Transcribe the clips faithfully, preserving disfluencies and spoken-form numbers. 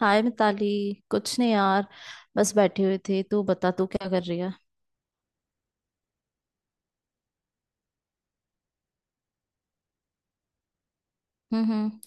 हाय मिताली। कुछ नहीं यार, बस बैठे हुए थे। तू बता, तू क्या कर रही है। हम्म हम्म।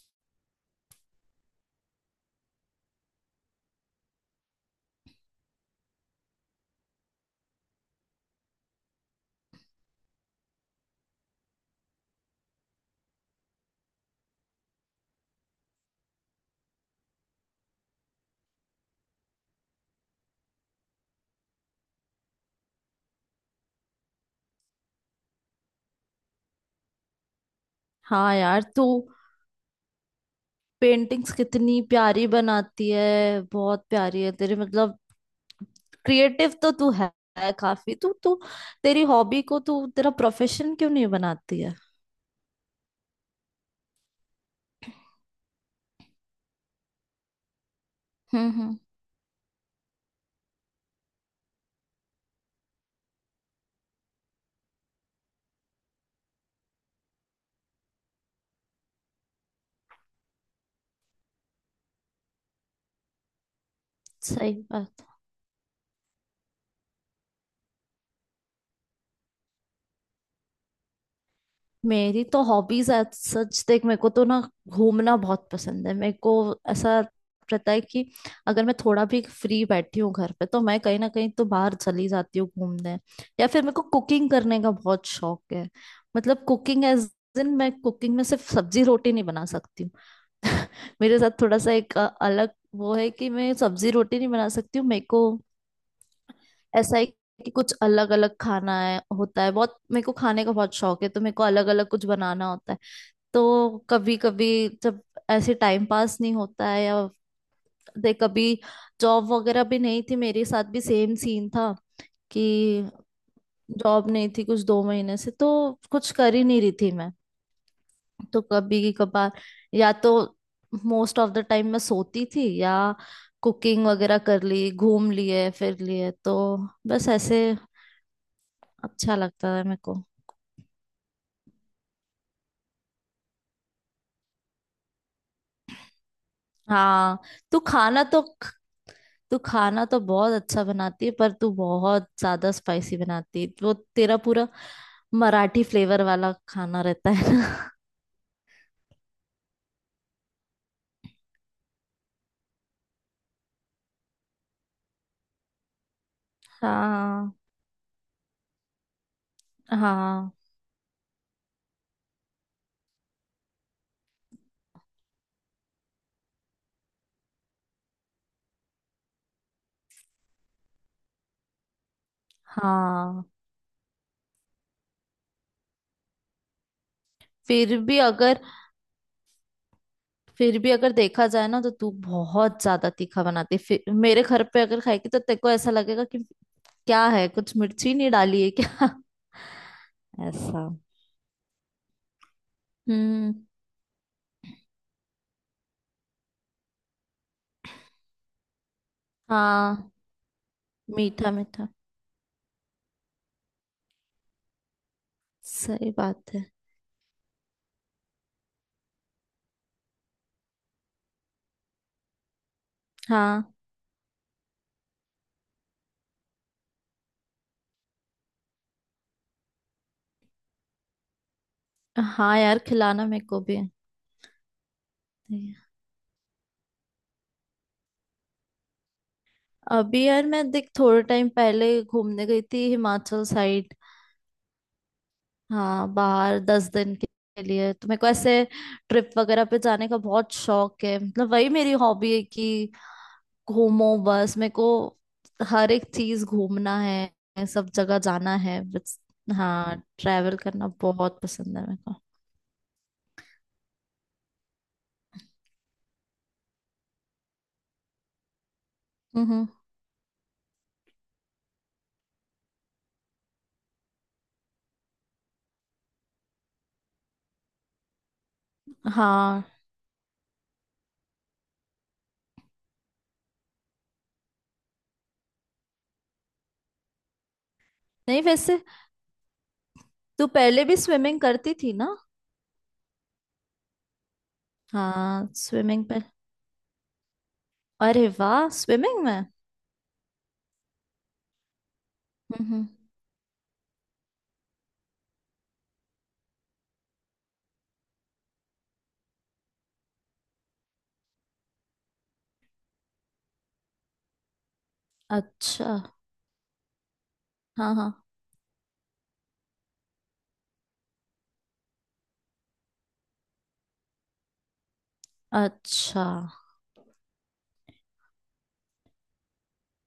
हाँ यार, तू पेंटिंग्स कितनी प्यारी बनाती है। बहुत प्यारी है तेरी, मतलब क्रिएटिव तो तू है, है काफी तू तू तेरी हॉबी को तू तेरा प्रोफेशन क्यों नहीं बनाती है। हम्म हम्म। सही बात। मेरी तो हॉबीज, सच देख, मेरे को तो ना घूमना बहुत पसंद है। मेरे को ऐसा रहता है कि अगर मैं थोड़ा भी फ्री बैठी हूँ घर पे, तो मैं कहीं ना कहीं तो बाहर चली जाती हूँ घूमने, या फिर मेरे को कुकिंग करने का बहुत शौक है। मतलब कुकिंग एज इन, मैं कुकिंग में सिर्फ सब्जी रोटी नहीं बना सकती हूँ। मेरे साथ थोड़ा सा एक अ, अलग वो है कि मैं सब्जी रोटी नहीं बना सकती हूँ। मेरे को ऐसा है कि कुछ अलग अलग खाना है, होता है बहुत, मेरे को खाने का बहुत शौक है, तो मेरे को अलग अलग कुछ बनाना होता है। तो कभी कभी जब ऐसे टाइम पास नहीं होता है, या दे कभी, जॉब वगैरह भी नहीं थी, मेरे साथ भी सेम सीन था कि जॉब नहीं थी कुछ दो महीने से, तो कुछ कर ही नहीं रही थी मैं। तो कभी कभार या तो मोस्ट ऑफ द टाइम मैं सोती थी या कुकिंग वगैरह कर ली, घूम लिए फिर लिए, तो बस ऐसे अच्छा लगता है मेरे को। हाँ। तू खाना तो तू खाना तो बहुत अच्छा बनाती है, पर तू बहुत ज्यादा स्पाइसी बनाती है। वो तेरा पूरा मराठी फ्लेवर वाला खाना रहता है ना। हाँ। हाँ। हाँ, फिर भी अगर, फिर भी अगर देखा जाए ना, तो तू बहुत ज्यादा तीखा बनाती है। फिर मेरे घर पे अगर खाएगी तो तेरे को ऐसा लगेगा कि क्या है, कुछ मिर्ची नहीं डाली है क्या। ऐसा। हम्म। हाँ। मीठा मीठा। सही बात है। हाँ, हाँ यार, खिलाना मेरे को भी है। अभी यार, मैं देख थोड़े टाइम पहले घूमने गई थी हिमाचल साइड। हाँ, बाहर दस दिन के लिए। तो मेरे को ऐसे ट्रिप वगैरह पे जाने का बहुत शौक है, मतलब वही मेरी हॉबी है कि घूमो बस मेरे को। हर एक चीज घूमना है, सब जगह जाना है बस। हाँ, ट्रैवल करना बहुत पसंद है मेरे को। हम्म। हाँ। नहीं, वैसे तू पहले भी स्विमिंग करती थी ना। हाँ, स्विमिंग पे। अरे वाह, स्विमिंग में। हम्म। अच्छा। हाँ हाँ। अच्छा।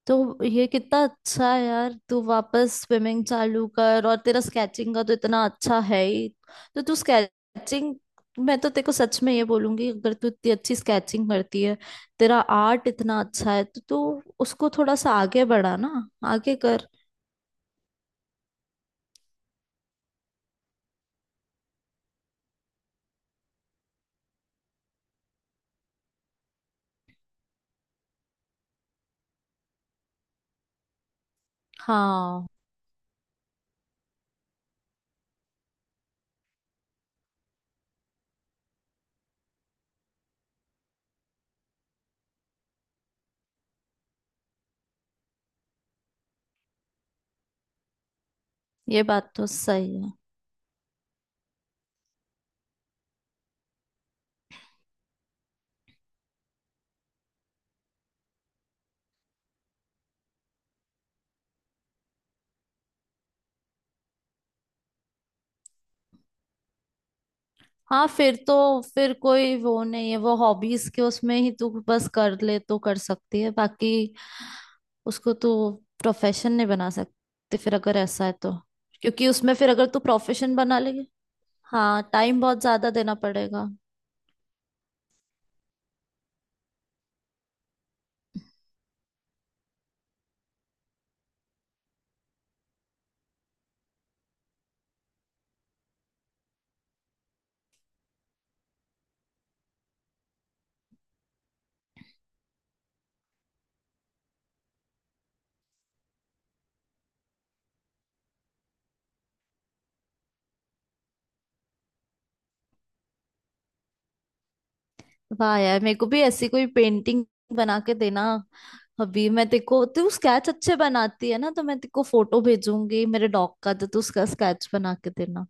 तो ये कितना अच्छा है यार, तू वापस स्विमिंग चालू कर, और तेरा स्केचिंग का तो इतना अच्छा है ही, तो तू स्केचिंग। मैं तो तेरे को सच में ये बोलूंगी, अगर तू इतनी अच्छी स्केचिंग करती है, तेरा आर्ट इतना अच्छा है, तो तू उसको थोड़ा सा आगे बढ़ा ना, आगे कर। हाँ, ये बात तो सही है। हाँ, फिर तो, फिर कोई वो नहीं है। वो हॉबीज के उसमें ही तू बस कर ले तो कर सकती है, बाकी उसको तू प्रोफेशन नहीं बना सकती फिर, अगर ऐसा है तो। क्योंकि उसमें फिर अगर तू प्रोफेशन बना लेगी, हाँ टाइम बहुत ज्यादा देना पड़ेगा। वाह यार, मेरे को भी ऐसी कोई पेंटिंग बना के देना। अभी मैं देखो, तू स्केच अच्छे बनाती है ना, तो मैं तेको फोटो भेजूंगी मेरे डॉग का, तो तू उसका स्केच बना के देना।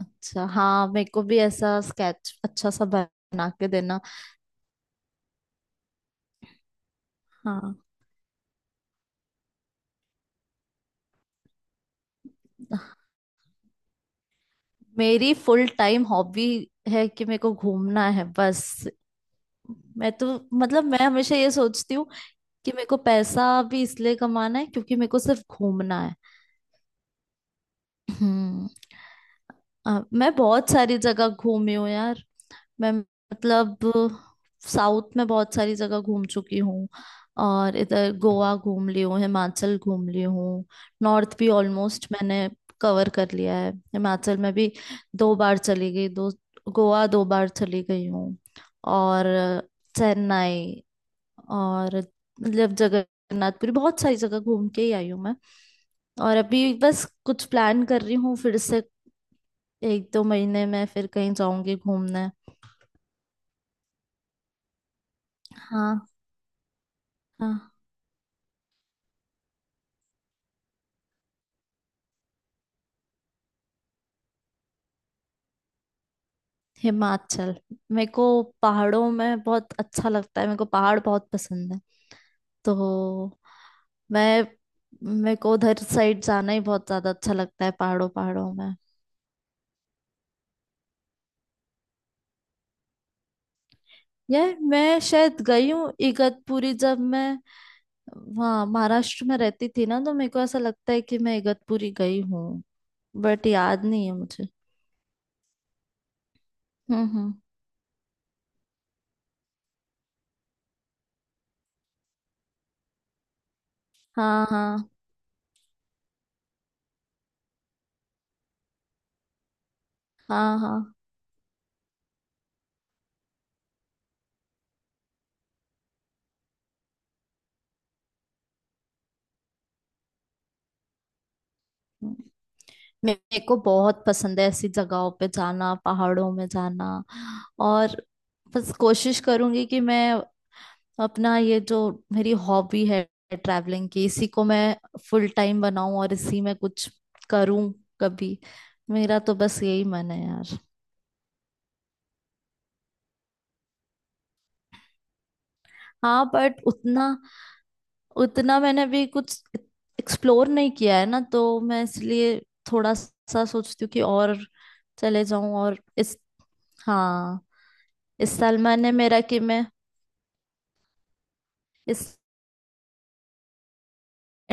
अच्छा, हाँ, मेरे को भी ऐसा स्केच अच्छा सा बना के देना। हाँ। मेरी फुल टाइम हॉबी है कि मेरे को घूमना है बस। मैं तो, मतलब मैं हमेशा ये सोचती हूँ कि मेरे को पैसा भी इसलिए कमाना है क्योंकि मेरे को सिर्फ घूमना है। हम्म। अ, मैं बहुत सारी जगह घूमी हूँ यार। मैं, मतलब साउथ में बहुत सारी जगह घूम चुकी हूँ, और इधर गोवा घूम ली हूँ, हिमाचल घूम ली हूँ। नॉर्थ भी ऑलमोस्ट मैंने कवर कर लिया है। हिमाचल में भी दो बार चली गई। दो गोवा दो बार चली गई हूँ, और चेन्नई, और मतलब जगन्नाथपुरी, बहुत सारी जगह घूम के ही आई हूँ मैं। और अभी बस कुछ प्लान कर रही हूँ फिर से एक दो महीने में, फिर कहीं जाऊंगी घूमने। हाँ। हाँ। हिमाचल। मेरे को पहाड़ों में बहुत अच्छा लगता है, मेरे को पहाड़ बहुत पसंद है। तो मैं, मेरे को उधर साइड जाना ही बहुत ज्यादा अच्छा लगता है, पहाड़ों पहाड़ों में। यार मैं शायद गई हूँ इगतपुरी, जब मैं वहाँ महाराष्ट्र में रहती थी ना, तो मेरे को ऐसा लगता है कि मैं इगतपुरी गई हूँ। बट याद नहीं है मुझे। हम्म हम्म। हाँ हाँ। हाँ हाँ। मे- मेरे को बहुत पसंद है ऐसी जगहों पे जाना, पहाड़ों में जाना, और बस कोशिश करूंगी कि मैं अपना ये जो मेरी हॉबी है ट्रैवलिंग की, इसी को मैं फुल टाइम बनाऊं और इसी में कुछ करूं कभी। मेरा तो बस यही मन है यार। हाँ, बट उतना, उतना मैंने भी कुछ एक्सप्लोर नहीं किया है ना, तो मैं इसलिए थोड़ा सा सोचती हूँ कि और चले जाऊं और इस, हाँ, इस साल मैंने मेरा कि मैं इस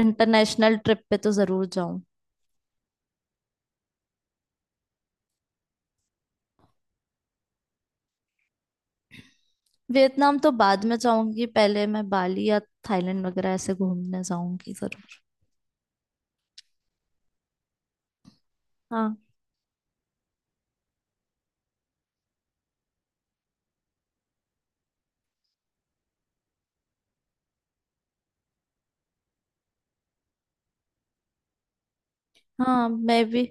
इंटरनेशनल ट्रिप पे तो जरूर जाऊं। वियतनाम तो बाद में जाऊंगी, पहले मैं बाली या थाईलैंड वगैरह ऐसे घूमने जाऊंगी जरूर। हाँ हाँ, मैं भी,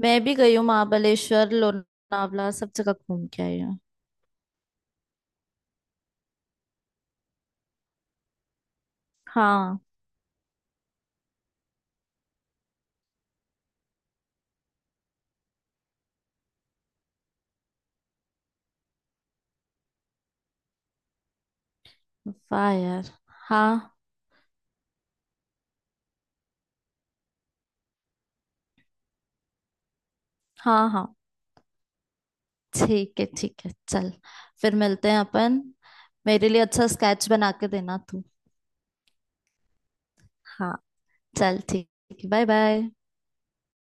मैं भी गई हूँ महाबलेश्वर, लोनावला सब जगह घूम के आई हूँ। हाँ। वाह यार। हाँ। हाँ हाँ, ठीक है ठीक है, चल, फिर मिलते हैं अपन। मेरे लिए अच्छा स्केच बना के देना तू। हाँ। चल ठीक है, बाय बाय।